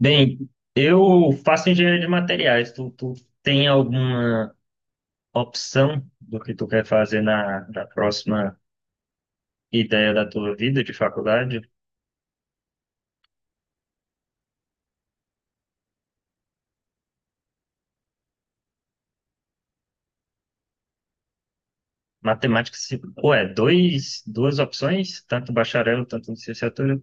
Bem, eu faço engenharia de materiais. Tu tem alguma opção do que tu quer fazer na próxima ideia da tua vida de faculdade? Matemática, se, ué, dois, duas opções? Tanto bacharel, tanto licenciatura?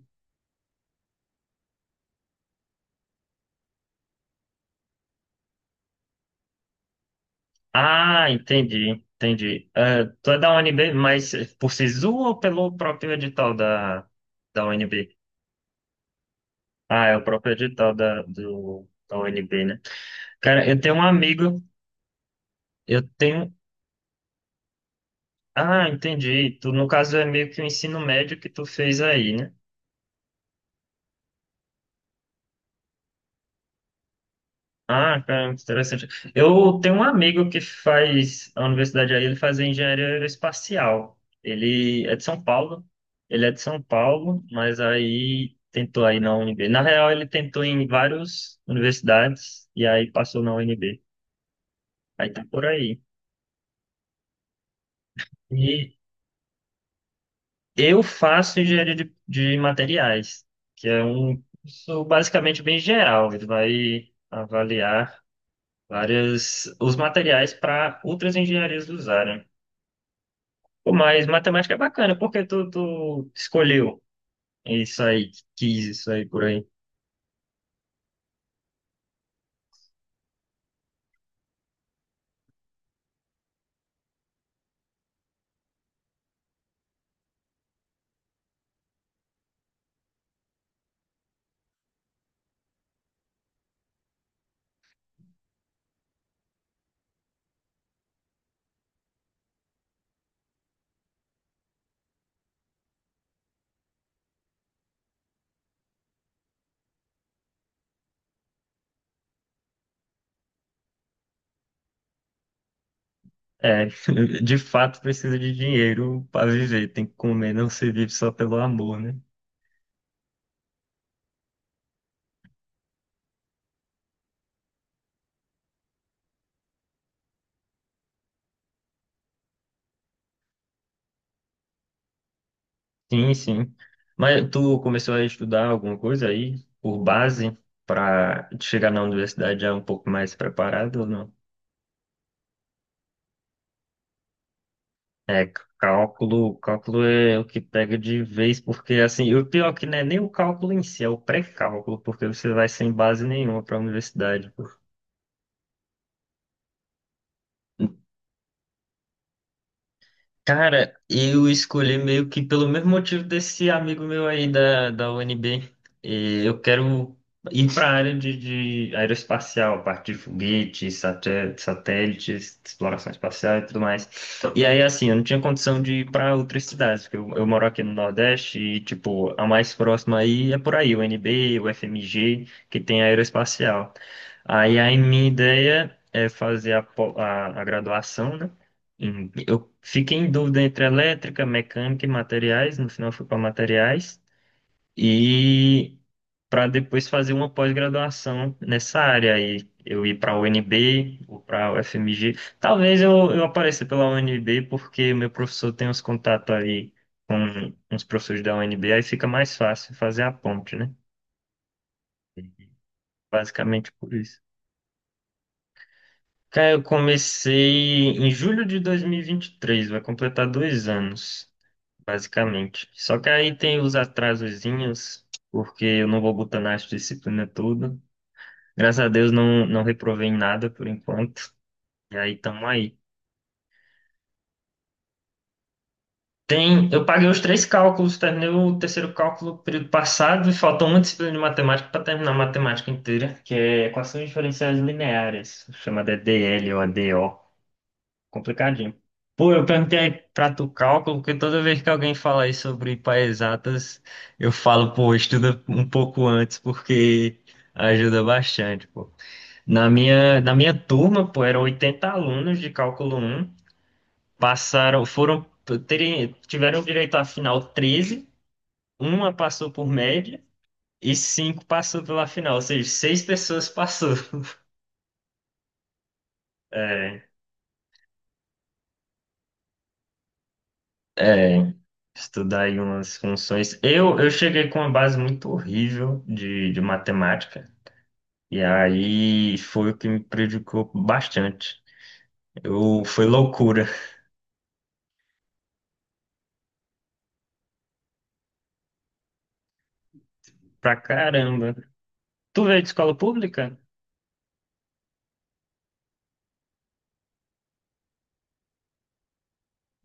Ah, entendi, entendi. Ah, tu é da UNB, mas por SISU ou pelo próprio edital da UNB? Ah, é o próprio edital da UNB, né? Cara, eu tenho um amigo, eu tenho Ah, entendi. Tu, no caso, é meio que o ensino médio que tu fez aí, né? Ah, cara, interessante. Eu tenho um amigo que faz a universidade aí, ele faz engenharia aeroespacial. Ele é de São Paulo. Ele é de São Paulo, mas aí tentou aí na UNB. Na real, ele tentou em várias universidades e aí passou na UNB. Aí tá por aí. E eu faço engenharia de materiais, que é um curso basicamente bem geral. Ele vai avaliar várias os materiais para outras engenharias usarem. Pô, mas matemática é bacana, porque tu escolheu isso aí, quis isso aí por aí. É, de fato precisa de dinheiro para viver, tem que comer, não se vive só pelo amor, né? Sim, sim. Mas tu começou a estudar alguma coisa aí por base para chegar na universidade já um pouco mais preparado ou não? É, cálculo é o que pega de vez, porque assim, o pior é que não é nem o cálculo em si, é o pré-cálculo, porque você vai sem base nenhuma para a universidade. Cara, eu escolhi meio que pelo mesmo motivo desse amigo meu aí da UNB. E eu quero ir para a área de aeroespacial, parte de foguetes, satélites, exploração espacial e tudo mais. E aí, assim, eu não tinha condição de ir para outras cidades, porque eu moro aqui no Nordeste e, tipo, a mais próxima aí é por aí, o UNB, o FMG, que tem aeroespacial. Aí, a minha ideia é fazer a graduação, né? Eu fiquei em dúvida entre elétrica, mecânica e materiais. No final, eu fui para materiais. E para depois fazer uma pós-graduação nessa área. Aí eu ir para a UNB ou para a UFMG. Talvez eu apareça pela UNB, porque meu professor tem uns contatos aí com uns professores da UNB. Aí fica mais fácil fazer a ponte, né? Basicamente por isso. Cara, eu comecei em julho de dois mil e vinte e três. Vai completar 2 anos, basicamente. Só que aí tem os atrasozinhos, porque eu não vou botar nas disciplinas tudo. Graças a Deus não, não reprovei em nada por enquanto. E aí tamo aí. Tem, eu paguei os três cálculos, terminei o terceiro cálculo no período passado e faltou uma disciplina de matemática para terminar a matemática inteira, que é equações diferenciais lineares, chamada DL ou ADO. Complicadinho. Pô, eu perguntei pra tu cálculo, porque toda vez que alguém fala aí sobre para exatas, eu falo, pô, estuda um pouco antes, porque ajuda bastante, pô. Na minha turma, pô, eram 80 alunos de cálculo um passaram, foram, tiveram direito à final 13. Uma passou por média e cinco passou pela final, ou seja, seis pessoas passou. É. É, estudar aí umas funções. Eu cheguei com uma base muito horrível de matemática, e aí foi o que me prejudicou bastante. Foi loucura pra caramba. Tu veio de escola pública?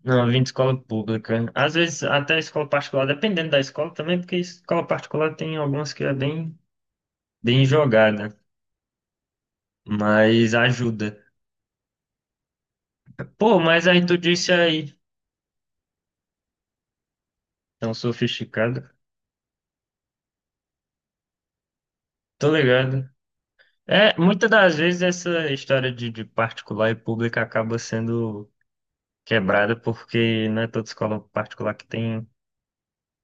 Não, eu vim de escola pública. Às vezes até escola particular, dependendo da escola também, porque escola particular tem algumas que é bem, bem jogada, mas ajuda. Pô, mas aí tu disse aí, tão sofisticado. Tô ligado. É, muitas das vezes essa história de particular e pública acaba sendo quebrada porque não é toda escola particular que tem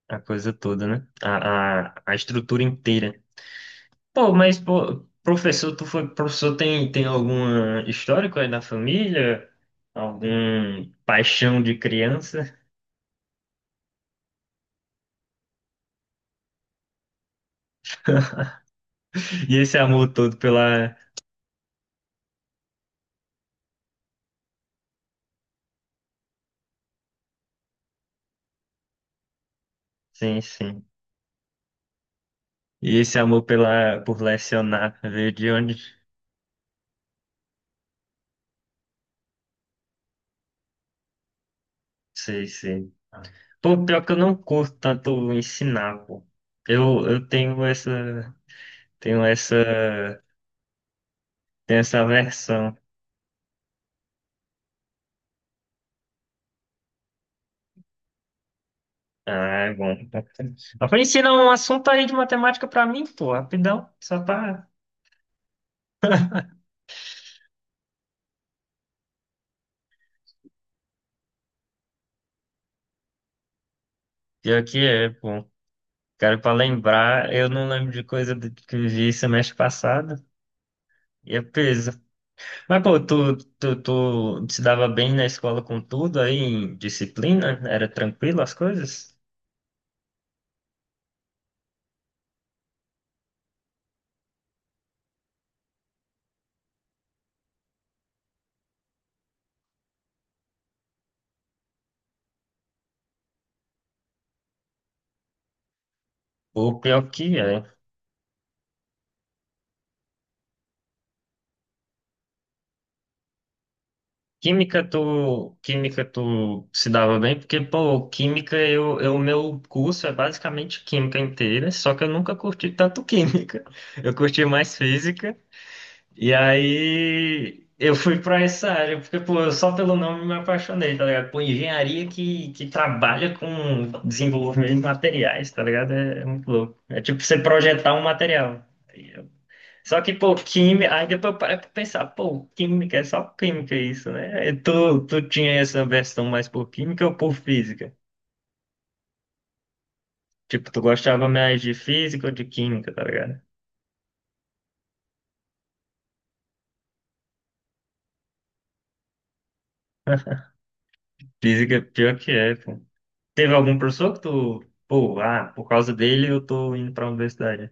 a coisa toda, né? A estrutura inteira. Pô, mas pô, professor, tu foi professor, tem alguma histórico aí na família? Algum paixão de criança? E esse amor todo pela... Sim, sim. E esse amor pela, por lecionar, veio de onde? Sei, sei. Pô, pior que eu não curto tanto ensinar, pô. Eu tenho essa, tenho essa, tenho essa versão. Ah, é bom. Ela ensina um assunto aí de matemática pra mim, pô, rapidão, só pra... Pior que é, pô. Cara, pra lembrar, eu não lembro de que eu vi semestre passado, e é peso. Mas, pô, tu se dava bem na escola com tudo aí, em disciplina? Era tranquilo as coisas? Pô, pior que é. Química tu se dava bem, porque, pô, química, o meu curso é basicamente química inteira, só que eu nunca curti tanto química. Eu curti mais física, e aí eu fui pra essa área, porque, pô, eu só pelo nome me apaixonei, tá ligado? Pô, engenharia que trabalha com desenvolvimento de materiais, tá ligado? É muito louco. É tipo você projetar um material. Só que, pô, química, aí depois eu parei pra pensar, pô, química, é só química isso, né? E tu tinha essa versão mais por química ou por física? Tipo, tu gostava mais de física ou de química, tá ligado? Física, pior que é, pô. Teve algum professor que tu, pô, ah, por causa dele eu tô indo pra universidade.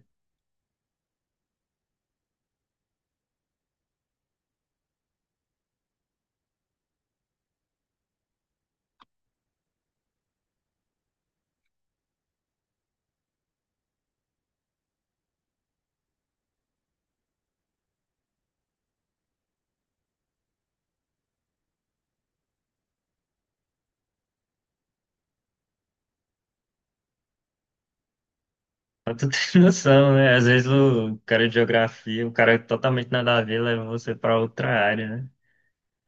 Mas tu tem noção, né? Às vezes o cara de geografia, o cara totalmente nada a ver, leva você pra outra área, né?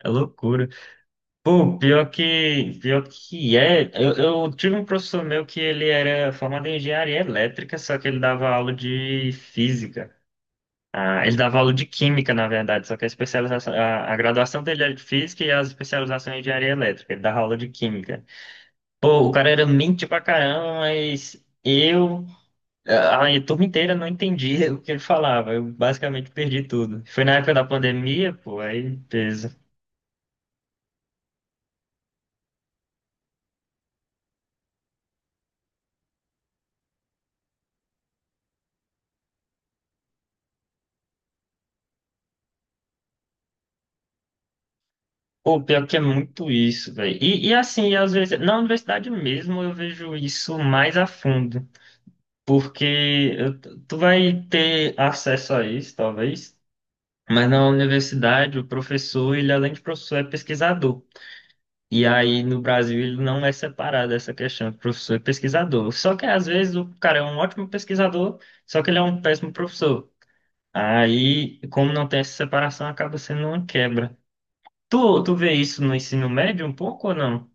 É loucura. Pô, pior que é, eu tive um professor meu que ele era formado em engenharia elétrica, só que ele dava aula de física. Ah, ele dava aula de química, na verdade, só que a especialização, a graduação dele era de física e a especialização em engenharia elétrica. Ele dava aula de química. Pô, o cara era mente pra caramba, mas a turma inteira não entendia o que ele falava. Eu basicamente perdi tudo. Foi na época da pandemia, pô, aí. Pô, pior que é muito isso, velho. E assim, às vezes, na universidade mesmo eu vejo isso mais a fundo, porque eu- tu vai ter acesso a isso, talvez, mas na universidade o professor, ele além de professor, é pesquisador. E aí no Brasil ele não é separado essa questão de professor e pesquisador. Só que às vezes o cara é um ótimo pesquisador, só que ele é um péssimo professor. Aí, como não tem essa separação, acaba sendo uma quebra. Tu vê isso no ensino médio um pouco ou não?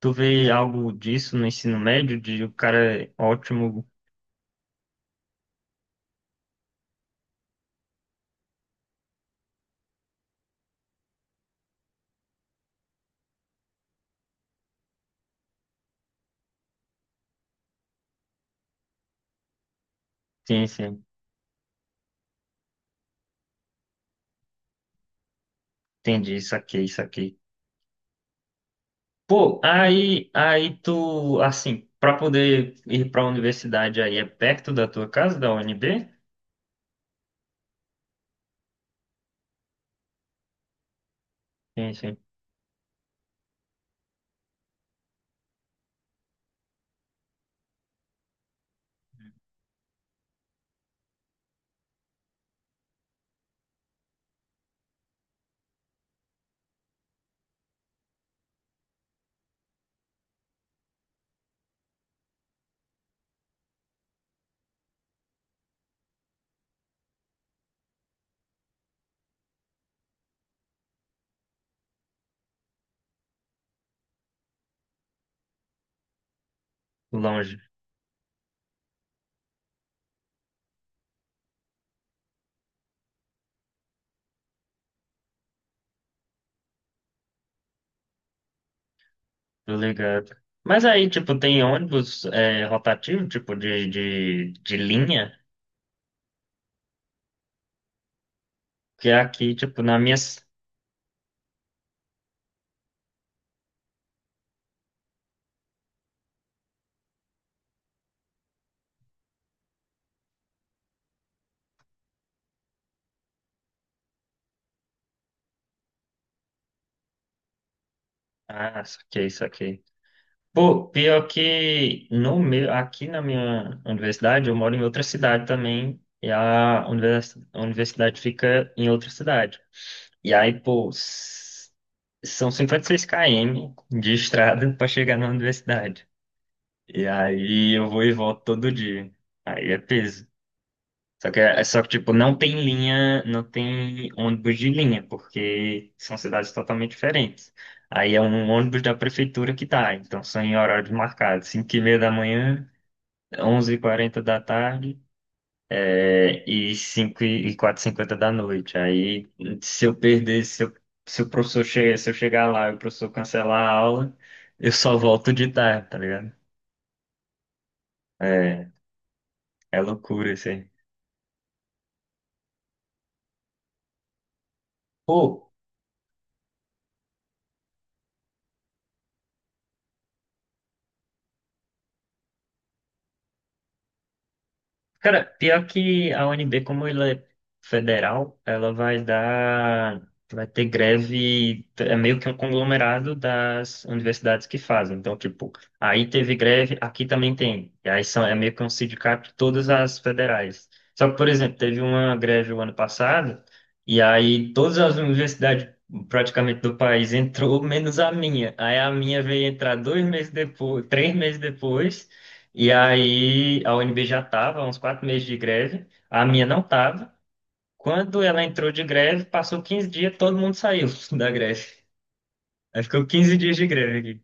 Tu vê algo disso no ensino médio, de o cara é ótimo, sim, sim, entendi, isso aqui, isso aqui. Pô, aí tu, assim, pra poder ir pra universidade aí, é perto da tua casa, da UNB? Sim, sim, longe, tô ligado. Mas aí, tipo, tem ônibus é, rotativo, tipo, de linha, que é aqui, tipo, na minha... Ah, isso aqui, isso aqui. Pô, pior que no meu, aqui na minha universidade, eu moro em outra cidade também, e a universidade fica em outra cidade. E aí, pô, são 56 km de estrada para chegar na universidade. E aí eu vou e volto todo dia. Aí é peso. Só que, é só que, tipo, não tem linha, não tem ônibus de linha, porque são cidades totalmente diferentes. Aí é um ônibus da prefeitura que tá, então são em horários marcados, 5:30 da manhã, 11:40 da tarde e 5 e 4:50 da noite. Aí, se eu perder, se o professor chegar, se eu chegar lá e o professor cancelar a aula, eu só volto de tarde, tá ligado? É, é loucura isso aí. Pô, cara, pior que a UNB, como ela é federal, ela vai dar, vai ter greve, é meio que um conglomerado das universidades que fazem. Então, tipo, aí teve greve, aqui também tem. E aí são, é meio que um sindicato de todas as federais. Só que, por exemplo, teve uma greve o ano passado, e aí todas as universidades praticamente do país entrou, menos a minha. Aí a minha veio entrar 2 meses depois, 3 meses depois. E aí a UNB já estava, uns 4 meses de greve, a minha não estava. Quando ela entrou de greve, passou 15 dias, todo mundo saiu da greve. Aí ficou 15 dias de greve.